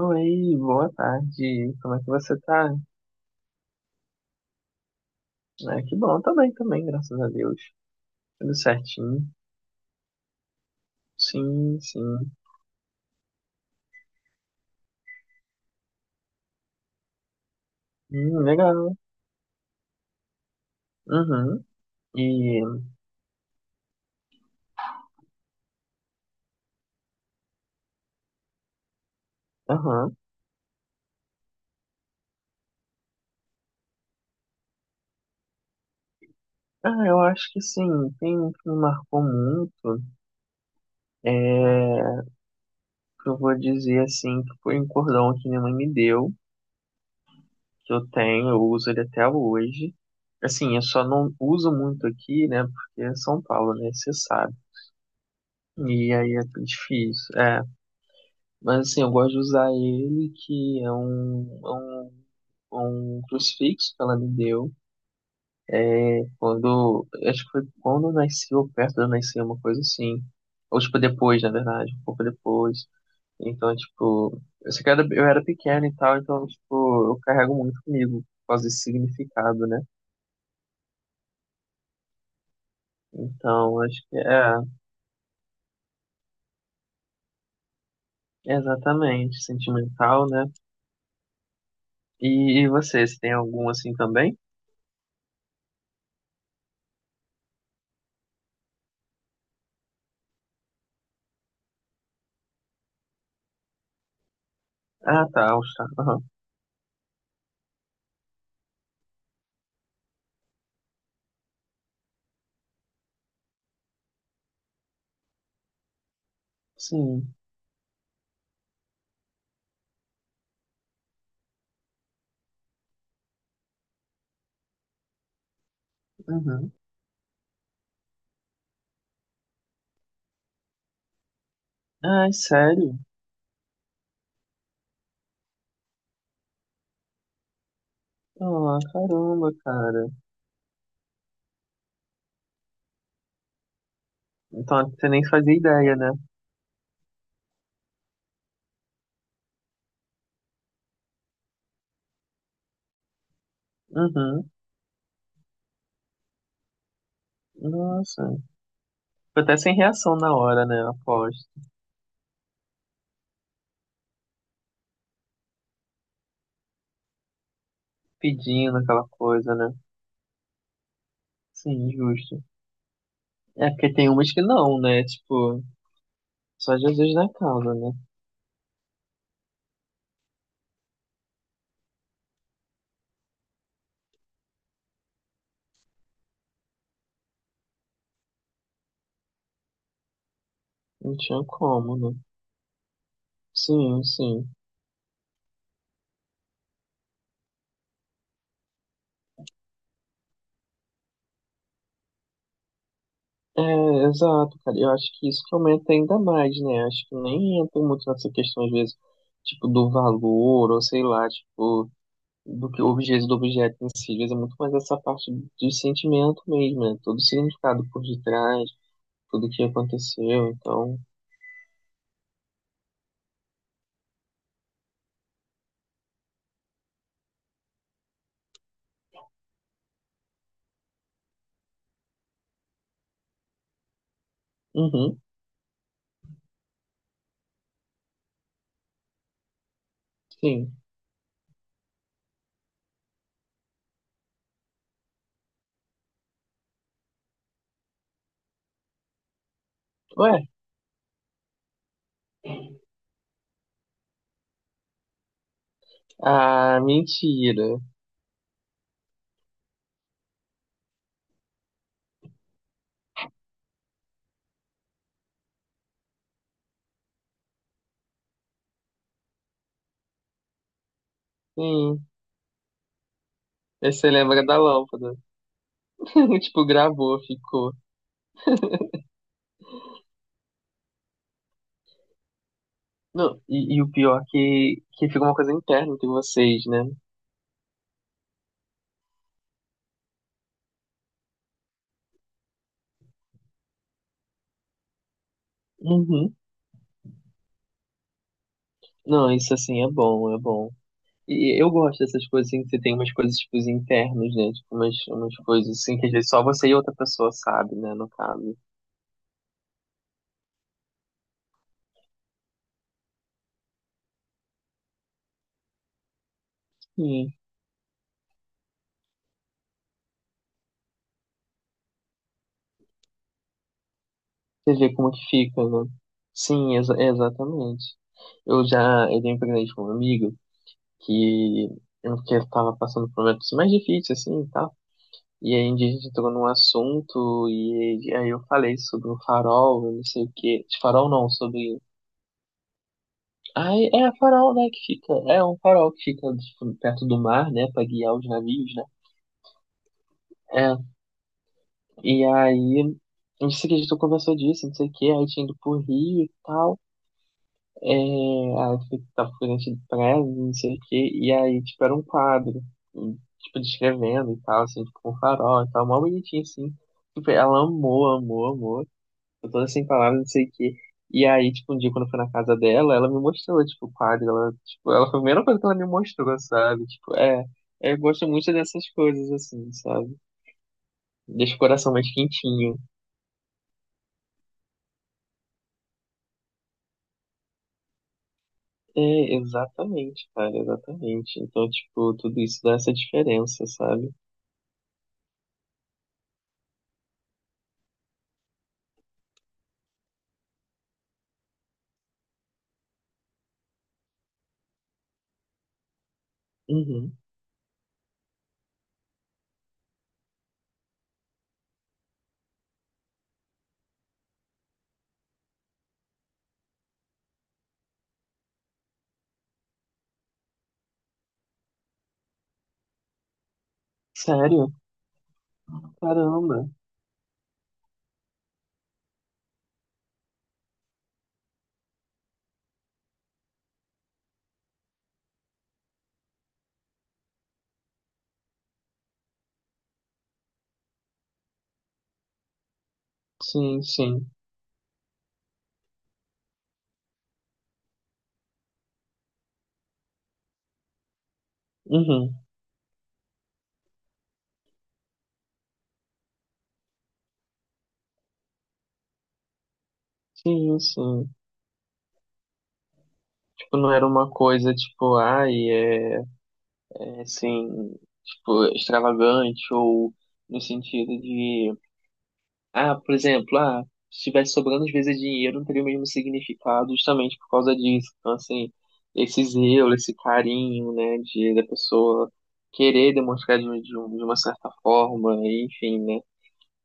Oi, boa tarde. Como é que você tá? Ah, que bom, também, graças a Deus. Tudo certinho. Sim, sim. Legal. Uhum. E, aham. Ah, eu acho que sim, tem um que me marcou muito. É, que eu vou dizer assim, que foi um cordão que minha mãe me deu, que eu tenho, eu uso ele até hoje. Assim, eu só não uso muito aqui, né? Porque é São Paulo, né? Você sabe. E aí é difícil. É. Mas assim, eu gosto de usar ele, que é um crucifixo que ela me deu. Quando, acho que foi quando eu nasci, ou perto de eu nascer, uma coisa assim. Ou, tipo, depois, na verdade, um pouco depois. Então, tipo, eu sei que eu era pequeno e tal, então, tipo, eu carrego muito comigo por causa desse significado, né? Então, acho que é exatamente, sentimental, né? E você, você tem algum assim também? Ah, tá, All Star. Aham. Sim. Uhum. Ai, sério? Ah, caramba, cara. Então, você nem fazia ideia, né? Uhum. Nossa. Ficou até sem reação na hora, né? Aposto. Pedindo aquela coisa, né? Sim, justo. É porque tem umas que não, né? Tipo, só Jesus na causa, né? Não tinha como, né? Sim, sim. É, exato, cara. Eu acho que isso que aumenta ainda mais, né? Acho que nem entra muito nessa questão, às vezes, tipo, do valor, ou sei lá, tipo. Do que o objeto em si, às vezes é muito mais essa parte de sentimento mesmo, né? Todo o significado por detrás, tudo que aconteceu, então. Uhum, sim. Ué, ah, mentira. Sim. Aí você lembra da lâmpada. Tipo, gravou, ficou. Não, e o pior é que fica uma coisa interna entre vocês, né? Uhum. Não, isso assim é bom, é bom. E eu gosto dessas coisas assim, que você tem umas coisas tipo internas, né? Tipo, umas coisas assim que às vezes só você e outra pessoa sabe, né? No caso. E você vê como que fica, né? Sim, é exatamente. Eu já, eu dei um presente com um amigo que eu que estava passando por momentos mais difíceis, assim, tá. E aí um dia a gente entrou num assunto e aí eu falei sobre o farol, eu não sei o quê. De farol não, sobre. Aí é a farol, né, que fica. É um farol que fica tipo, perto do mar, né, pra guiar os navios, né? É. E aí, não sei que a gente conversou disso, não sei o quê, aí tinha ido pro Rio e tal. É, tava frente do prédio, não sei o quê. E aí, tipo, era um quadro, e, tipo, descrevendo e tal, assim, tipo, com farol e tal, mó bonitinho, assim. Tipo, ela amou, amou, amou. Eu tô sem palavras, não sei o quê. E aí, tipo, um dia quando eu fui na casa dela, ela me mostrou, tipo, o quadro. Ela, tipo, ela foi a primeira coisa que ela me mostrou, sabe? Tipo, é. Eu gosto muito dessas coisas, assim, sabe? Deixa o coração mais quentinho. É, exatamente, cara, exatamente. Então, tipo, tudo isso dá essa diferença, sabe? Uhum. Sério? Caramba. Sim, sim. Uhum. Sim, sim. Tipo, não era uma coisa, tipo, ai, é. Assim, tipo, extravagante ou no sentido de, ah, por exemplo, ah, se tivesse sobrando às vezes dinheiro, não teria o mesmo significado justamente por causa disso. Então, assim, esse zelo, esse carinho, né, de da pessoa querer demonstrar de uma certa forma, enfim, né?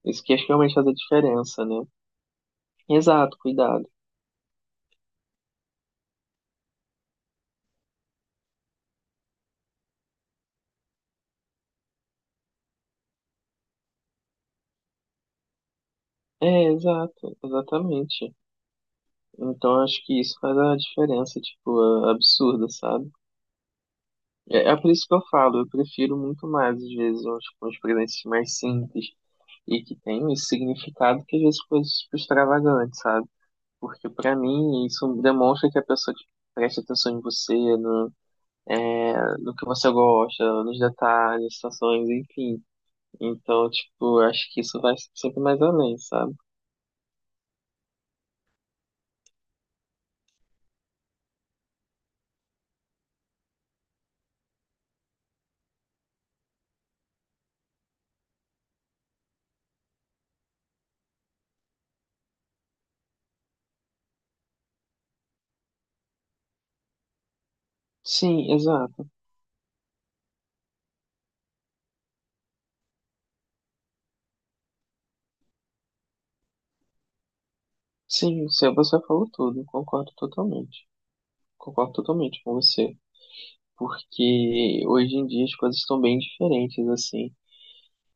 Isso que acho que realmente faz a diferença, né? Exato, cuidado. É, exato, exatamente. Então, acho que isso faz a diferença, tipo, absurda, sabe? É, é por isso que eu falo, eu prefiro muito mais, às vezes, uns presentes mais simples e que tem esse significado que às vezes coisas tipo, extravagantes, sabe? Porque pra mim isso demonstra que a pessoa tipo, presta atenção em você, é, no que você gosta, nos detalhes, situações, enfim. Então, tipo, eu acho que isso vai sempre mais além, sabe? Sim, exato. Sim, você falou tudo, concordo totalmente. Concordo totalmente com você. Porque hoje em dia as coisas estão bem diferentes, assim.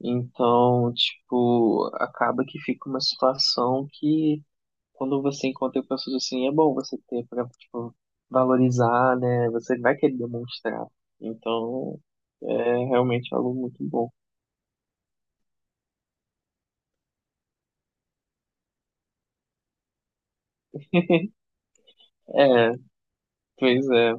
Então, tipo, acaba que fica uma situação que quando você encontra pessoas assim, é bom você ter pra, tipo, valorizar, né? Você vai querer demonstrar. Então, é realmente algo muito bom. É, pois é.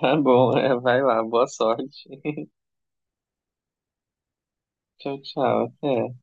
Tá bom, é, vai lá, boa sorte. Tchau, tchau, até.